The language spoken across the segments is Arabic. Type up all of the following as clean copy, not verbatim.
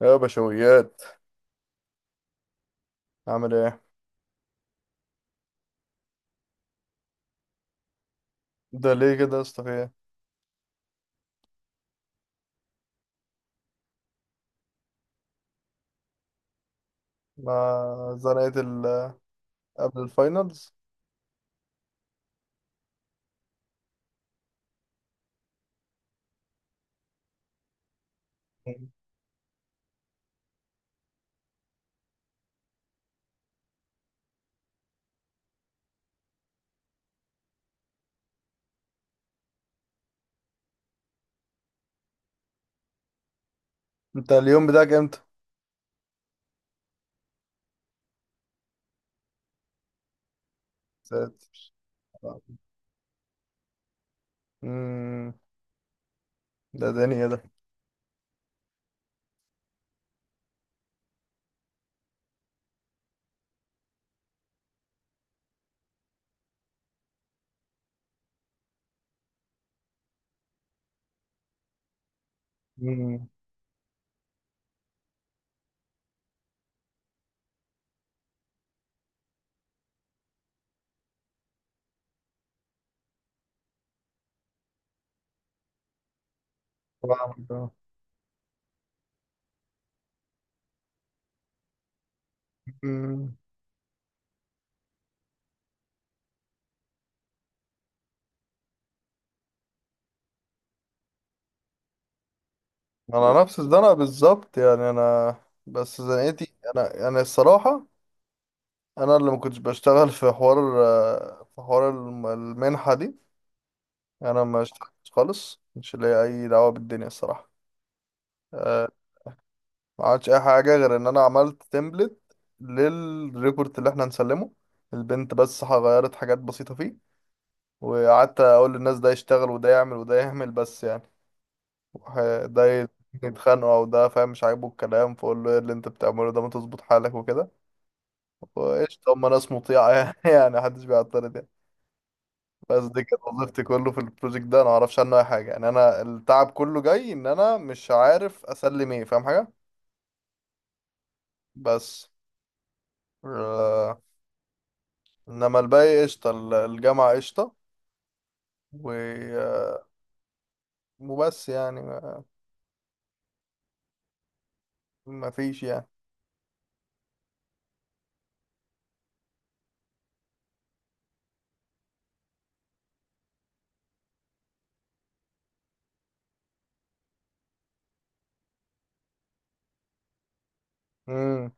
يا بشويات، عامل ايه؟ ده ليه كده يا اسطى، في ايه؟ ما زنقت ال- قبل الفاينلز. مم. انت اليوم بتاعك امتى؟ ساتر. امم. ده دنيا ده. امم. فاهمك اه. امم. انا نفس الزنقه بالظبط، يعني انا بس زنقتي انا يعني الصراحه، انا اللي ما كنتش بشتغل في حوار، في حوار المنحه دي. انا ما اشتغلتش خالص، مش ليا اي دعوه بالدنيا الصراحه. ما عملتش اي حاجه غير ان انا عملت تمبلت للريبورت اللي احنا هنسلمه. البنت بس غيرت حاجات بسيطه فيه، وقعدت اقول للناس ده يشتغل وده يعمل وده يعمل بس يعني، وح- ده يتخانقوا او ده فاهم مش عاجبه الكلام، فاقول له ايه اللي انت بتعمله ده، ما تظبط حالك وكده. وقشطه، هم ناس مطيعه يعني محدش بيعترض يعني. بس دي كانت وظيفتي كله في البروجكت ده، انا معرفش عنه اي حاجه، يعني انا التعب كله جاي ان انا مش عارف اسلم ايه فاهم حاجه. بس آه. انما الباقي قشطة، الجامعة قشطة. و... وبس يعني ما... ما فيش يعني. امم.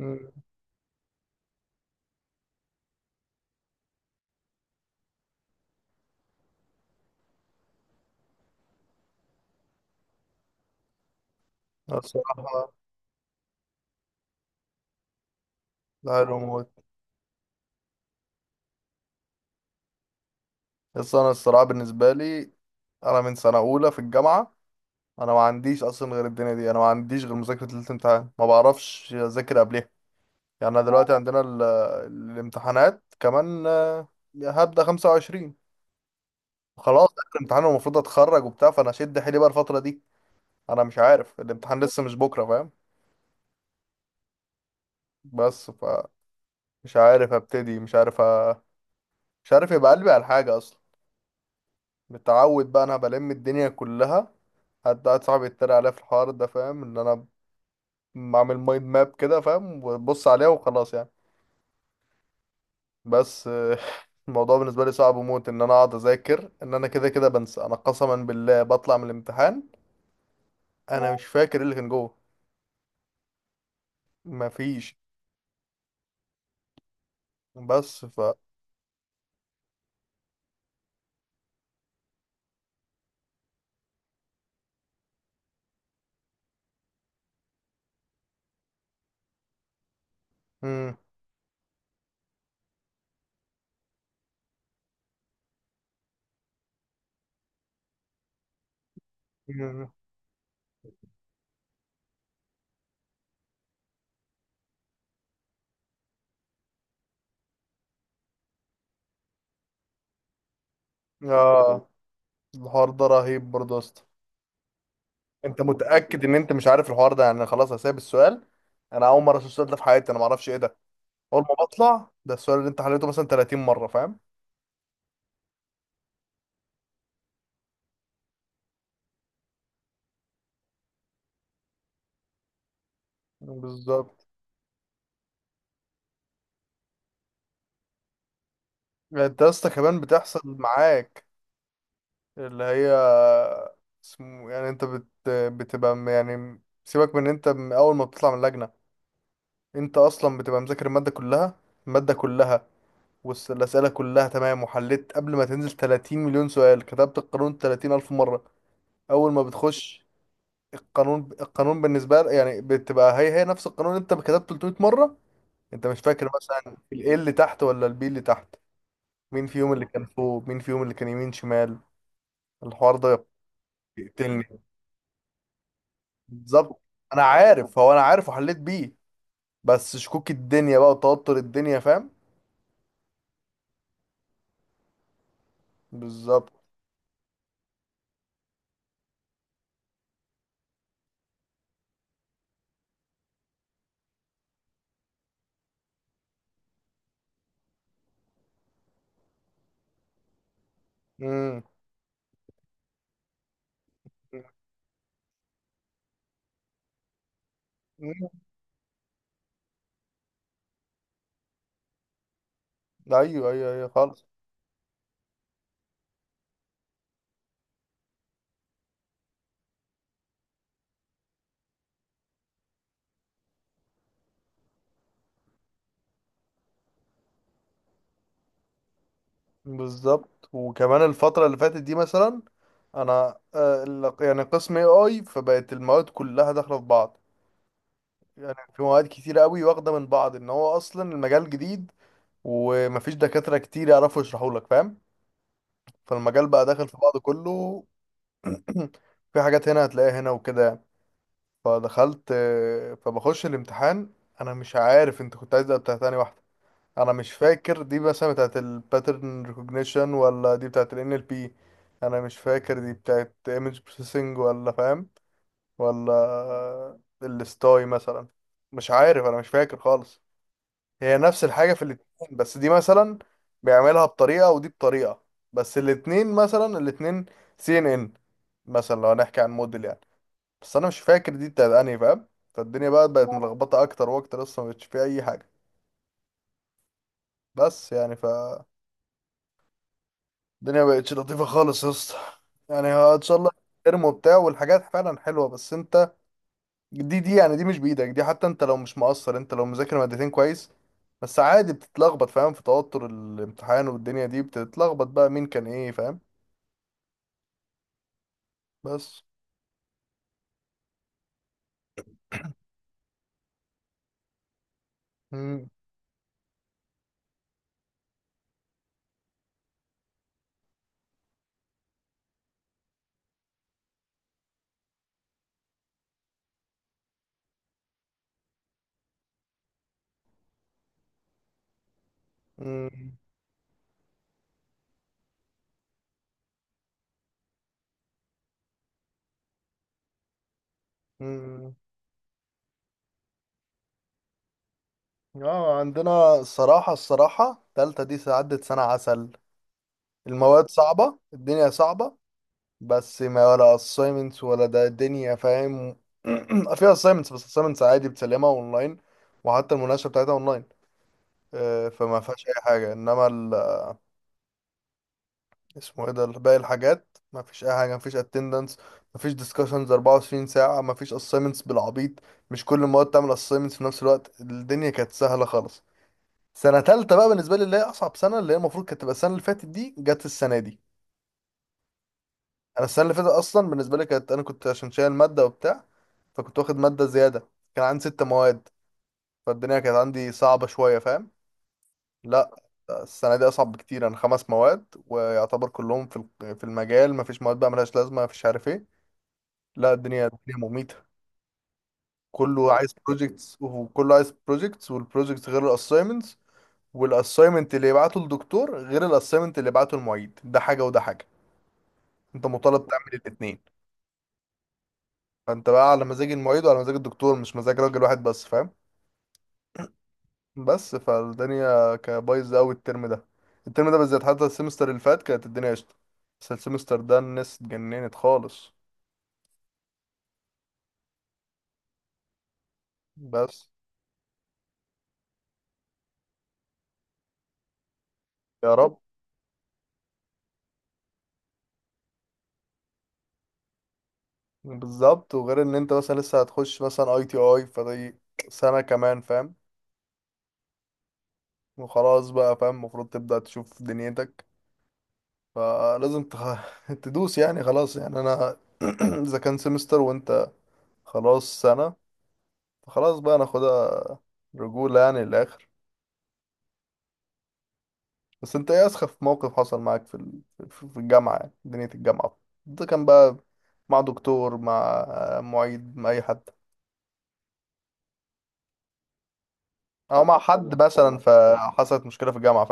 أمم. الصراحة. ده حلو موت. بس انا الصراحة بالنسبة لي، انا من سنة اولى في الجامعة، انا ما عنديش اصلا غير الدنيا دي، انا ما عنديش غير مذاكرة ليلة الامتحان، ما بعرفش اذاكر قبلها. يعني انا دلوقتي عندنا ال... الامتحانات كمان، هبدأ 25، خلاص ده الامتحان المفروض اتخرج وبتاع، فانا شد حيلي بقى الفترة دي. انا مش عارف الامتحان لسه مش بكرة فاهم. بس ف مش عارف ابتدي، مش عارف مش عارف يبقى قلبي على حاجة اصلا. متعود بقى انا بلم الدنيا كلها. حد قاعد صاحبي يتريق عليا في الحوار ده فاهم ان انا بعمل مايند ماب كده فاهم، وببص عليها وخلاص يعني. بس الموضوع بالنسبة لي صعب موت، ان انا اقعد اذاكر ان انا كده كده بنسى. انا قسما بالله بطلع من الامتحان، انا مش فاكر إيه اللي كان جوه، مفيش. بس ف مم. مم. اه، الحوار ده رهيب برضه يا اسطى. انت متاكد ان انت مش عارف الحوار ده؟ يعني انا خلاص هسيب السؤال، انا اول مره اشوف السؤال ده في حياتي، انا ما اعرفش ايه ده. اول ما بطلع، ده السؤال اللي انت حليته مثلا 30 مره فاهم؟ بالظبط. يعني انت يا اسطى كمان بتحصل معاك؟ اللي هي اسمه يعني انت بتبقى يعني سيبك من انت، من اول ما بتطلع من اللجنه، انت اصلا بتبقى مذاكر الماده كلها، الماده كلها، والاسئله كلها تمام، وحليت قبل ما تنزل 30 مليون سؤال، كتبت القانون 30 الف مره. اول ما بتخش، القانون القانون بالنسبه لك يعني بتبقى هي هي نفس القانون، انت كتبته 300 مره. انت مش فاكر مثلا الايه اللي تحت ولا البي اللي تحت، مين فيهم اللي كان فوق، مين فيهم اللي كان يمين شمال. الحوار ده بيقتلني. بالظبط، انا عارف، هو انا عارف وحليت بيه، بس شكوك الدنيا بقى وتوتر الدنيا فاهم. بالظبط. امم. أمم. ايوه ايوه ايوه خالص. بالظبط. وكمان الفتره اللي فاتت دي مثلا، انا يعني قسم AI، فبقت المواد كلها داخله في بعض. يعني في مواد كتير قوي واخده من بعض، ان هو اصلا المجال جديد ومفيش دكاتره كتير يعرفوا يشرحوا لك فاهم، فالمجال بقى داخل في بعضه كله. في حاجات هنا هتلاقيها هنا وكده. فدخلت، فبخش الامتحان، انا مش عارف انت كنت عايز ده بتاع تاني واحده. انا مش فاكر دي مثلا بتاعت الباترن ريكوجنيشن ولا دي بتاعت ال NLP. انا مش فاكر دي بتاعت image processing ولا فاهم، ولا الستاي مثلا. مش عارف، انا مش فاكر خالص. هي نفس الحاجة في الاتنين، بس دي مثلا بيعملها بطريقة ودي بطريقة. بس الاتنين مثلا الاتنين CNN، مثلا لو هنحكي عن موديل يعني. بس انا مش فاكر دي بتاعت انهي فاهم. فالدنيا بقى بقت ملخبطة اكتر واكتر، اصلا مبقتش فيها اي حاجة. بس يعني فالدنيا مبقتش لطيفة خالص يا اسطى. يعني ان شاء الله ارموا وبتاع والحاجات فعلا حلوة. بس انت، دي يعني دي مش بايدك دي، حتى انت لو مش مقصر، انت لو مذاكر مادتين كويس، بس عادي بتتلخبط فاهم، في توتر الامتحان والدنيا دي بتتلخبط بقى مين كان ايه فاهم. بس. مم. مم. مم. اه، عندنا الصراحة، الصراحة تالتة دي عدت سنة عسل. المواد صعبة، الدنيا صعبة، بس ما ولا assignments ولا ده الدنيا فاهم. فيها assignments، بس assignments عادي بتسلمها اونلاين، وحتى المناقشة بتاعتها اونلاين. فما فيهاش اي حاجة. انما اسمه ايه ده، باقي الحاجات مفيش اي حاجه، مفيش اتندنس، مفيش ديسكشنز، 24 ساعه مفيش اساينمنتس بالعبيط، مش كل المواد تعمل اساينمنتس في نفس الوقت، الدنيا كانت سهله خالص. سنه تالتة بقى بالنسبه لي اللي هي اصعب سنه، اللي هي المفروض كانت تبقى السنه اللي فاتت دي، جت السنه دي. انا السنه اللي فاتت اصلا بالنسبه لي كانت، انا كنت عشان شايل ماده وبتاع فكنت واخد ماده زياده، كان عندي ست مواد، فالدنيا كانت عندي صعبه شويه فاهم. لا، السنه دي اصعب بكتير، انا خمس مواد ويعتبر كلهم في في المجال، مفيش مواد بقى ملهاش لازمه، مفيش عارف ايه. لا، الدنيا الدنيا مميتة، كله عايز بروجيكتس، وكله عايز بروجيكتس، والبروجيكتس غير الاساينمنتس. والاساينمنت اللي يبعته الدكتور غير الاساينمنت اللي يبعته المعيد، ده حاجة وده حاجة، انت مطالب تعمل الاتنين. فانت بقى على مزاج المعيد وعلى مزاج الدكتور، مش مزاج راجل واحد بس فاهم. بس، فالدنيا كانت بايظة قوي الترم ده. الترم ده بالذات، حتى السمستر اللي فات كانت الدنيا قشطة، بس السمستر ده الناس اتجننت خالص. بس يا رب. بالظبط. وغير ان انت مثلا لسه هتخش مثلا ITI، فدي سنة كمان فاهم. وخلاص بقى فاهم، المفروض تبدأ تشوف دنيتك، فلازم تدوس يعني خلاص. يعني انا اذا كان سمستر، وانت خلاص سنة، فخلاص بقى ناخدها رجولة يعني للآخر. بس انت ايه اسخف موقف حصل معاك في ال... في في الجامعة، يعني دنيا الجامعة؟ ده كان بقى مع دكتور، مع معيد، مع اي حد، او مع حد مثلا فحصلت مشكلة في الجامعة.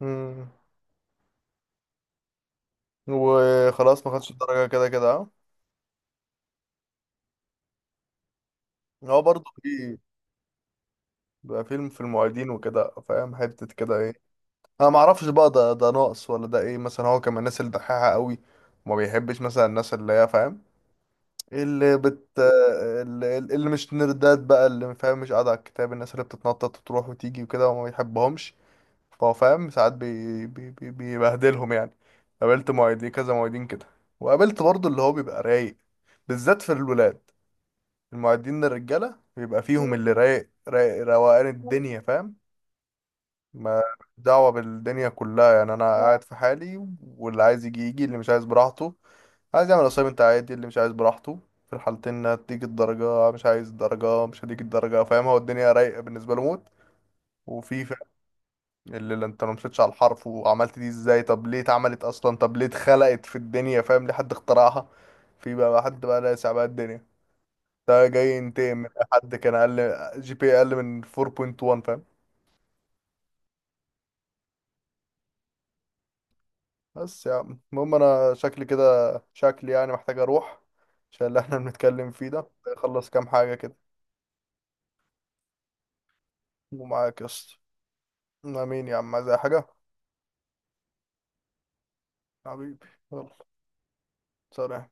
فاهم، وخلاص ما خدش الدرجة كده كده، اه. هو برضه في بقى فيلم في المعيدين وكده فاهم حتة كده ايه. انا ما اعرفش بقى ده، ناقص ولا ده ايه، مثلا هو كان من الناس الدحيحة قوي، وما بيحبش مثلا الناس اللي هي فاهم، اللي بت اللي مش نردات بقى، اللي فاهم مش قاعدة على الكتاب، الناس اللي بتتنطط وتروح وتيجي وكده، وما بيحبهمش. فهو فاهم ساعات بيبهدلهم يعني. قابلت معيدين، كذا معيدين كده، وقابلت برضه اللي هو بيبقى رايق، بالذات في الولاد، المعدين للرجالة بيبقى فيهم، اللي رايق رايق روقان الدنيا فاهم، ما دعوة بالدنيا كلها. يعني أنا قاعد في حالي، واللي عايز يجي يجي، اللي مش عايز براحته، عايز يعمل أسايمنت عادي، اللي مش عايز براحته، في الحالتين هتيجي الدرجة. مش عايز الدرجة، مش هتيجي الدرجة فاهم. هو الدنيا رايقة بالنسبة له موت. وفي فا- اللي انت لو مشيتش على الحرف وعملت دي ازاي، طب ليه اتعملت اصلا، طب ليه اتخلقت في الدنيا فاهم، ليه حد اخترعها. في بقى حد بقى لاسع بقى الدنيا، ده جاي ينتقم من أي حد كان اقل GPA اقل من 4.1 فاهم. بس يا عم المهم، انا شكلي كده، شكلي يعني محتاج اروح، عشان اللي احنا بنتكلم فيه ده اخلص كام حاجة كده. ومعاك يا اسطى. امين يا عم، عايز اي حاجة؟ حبيبي. يلا. سلام.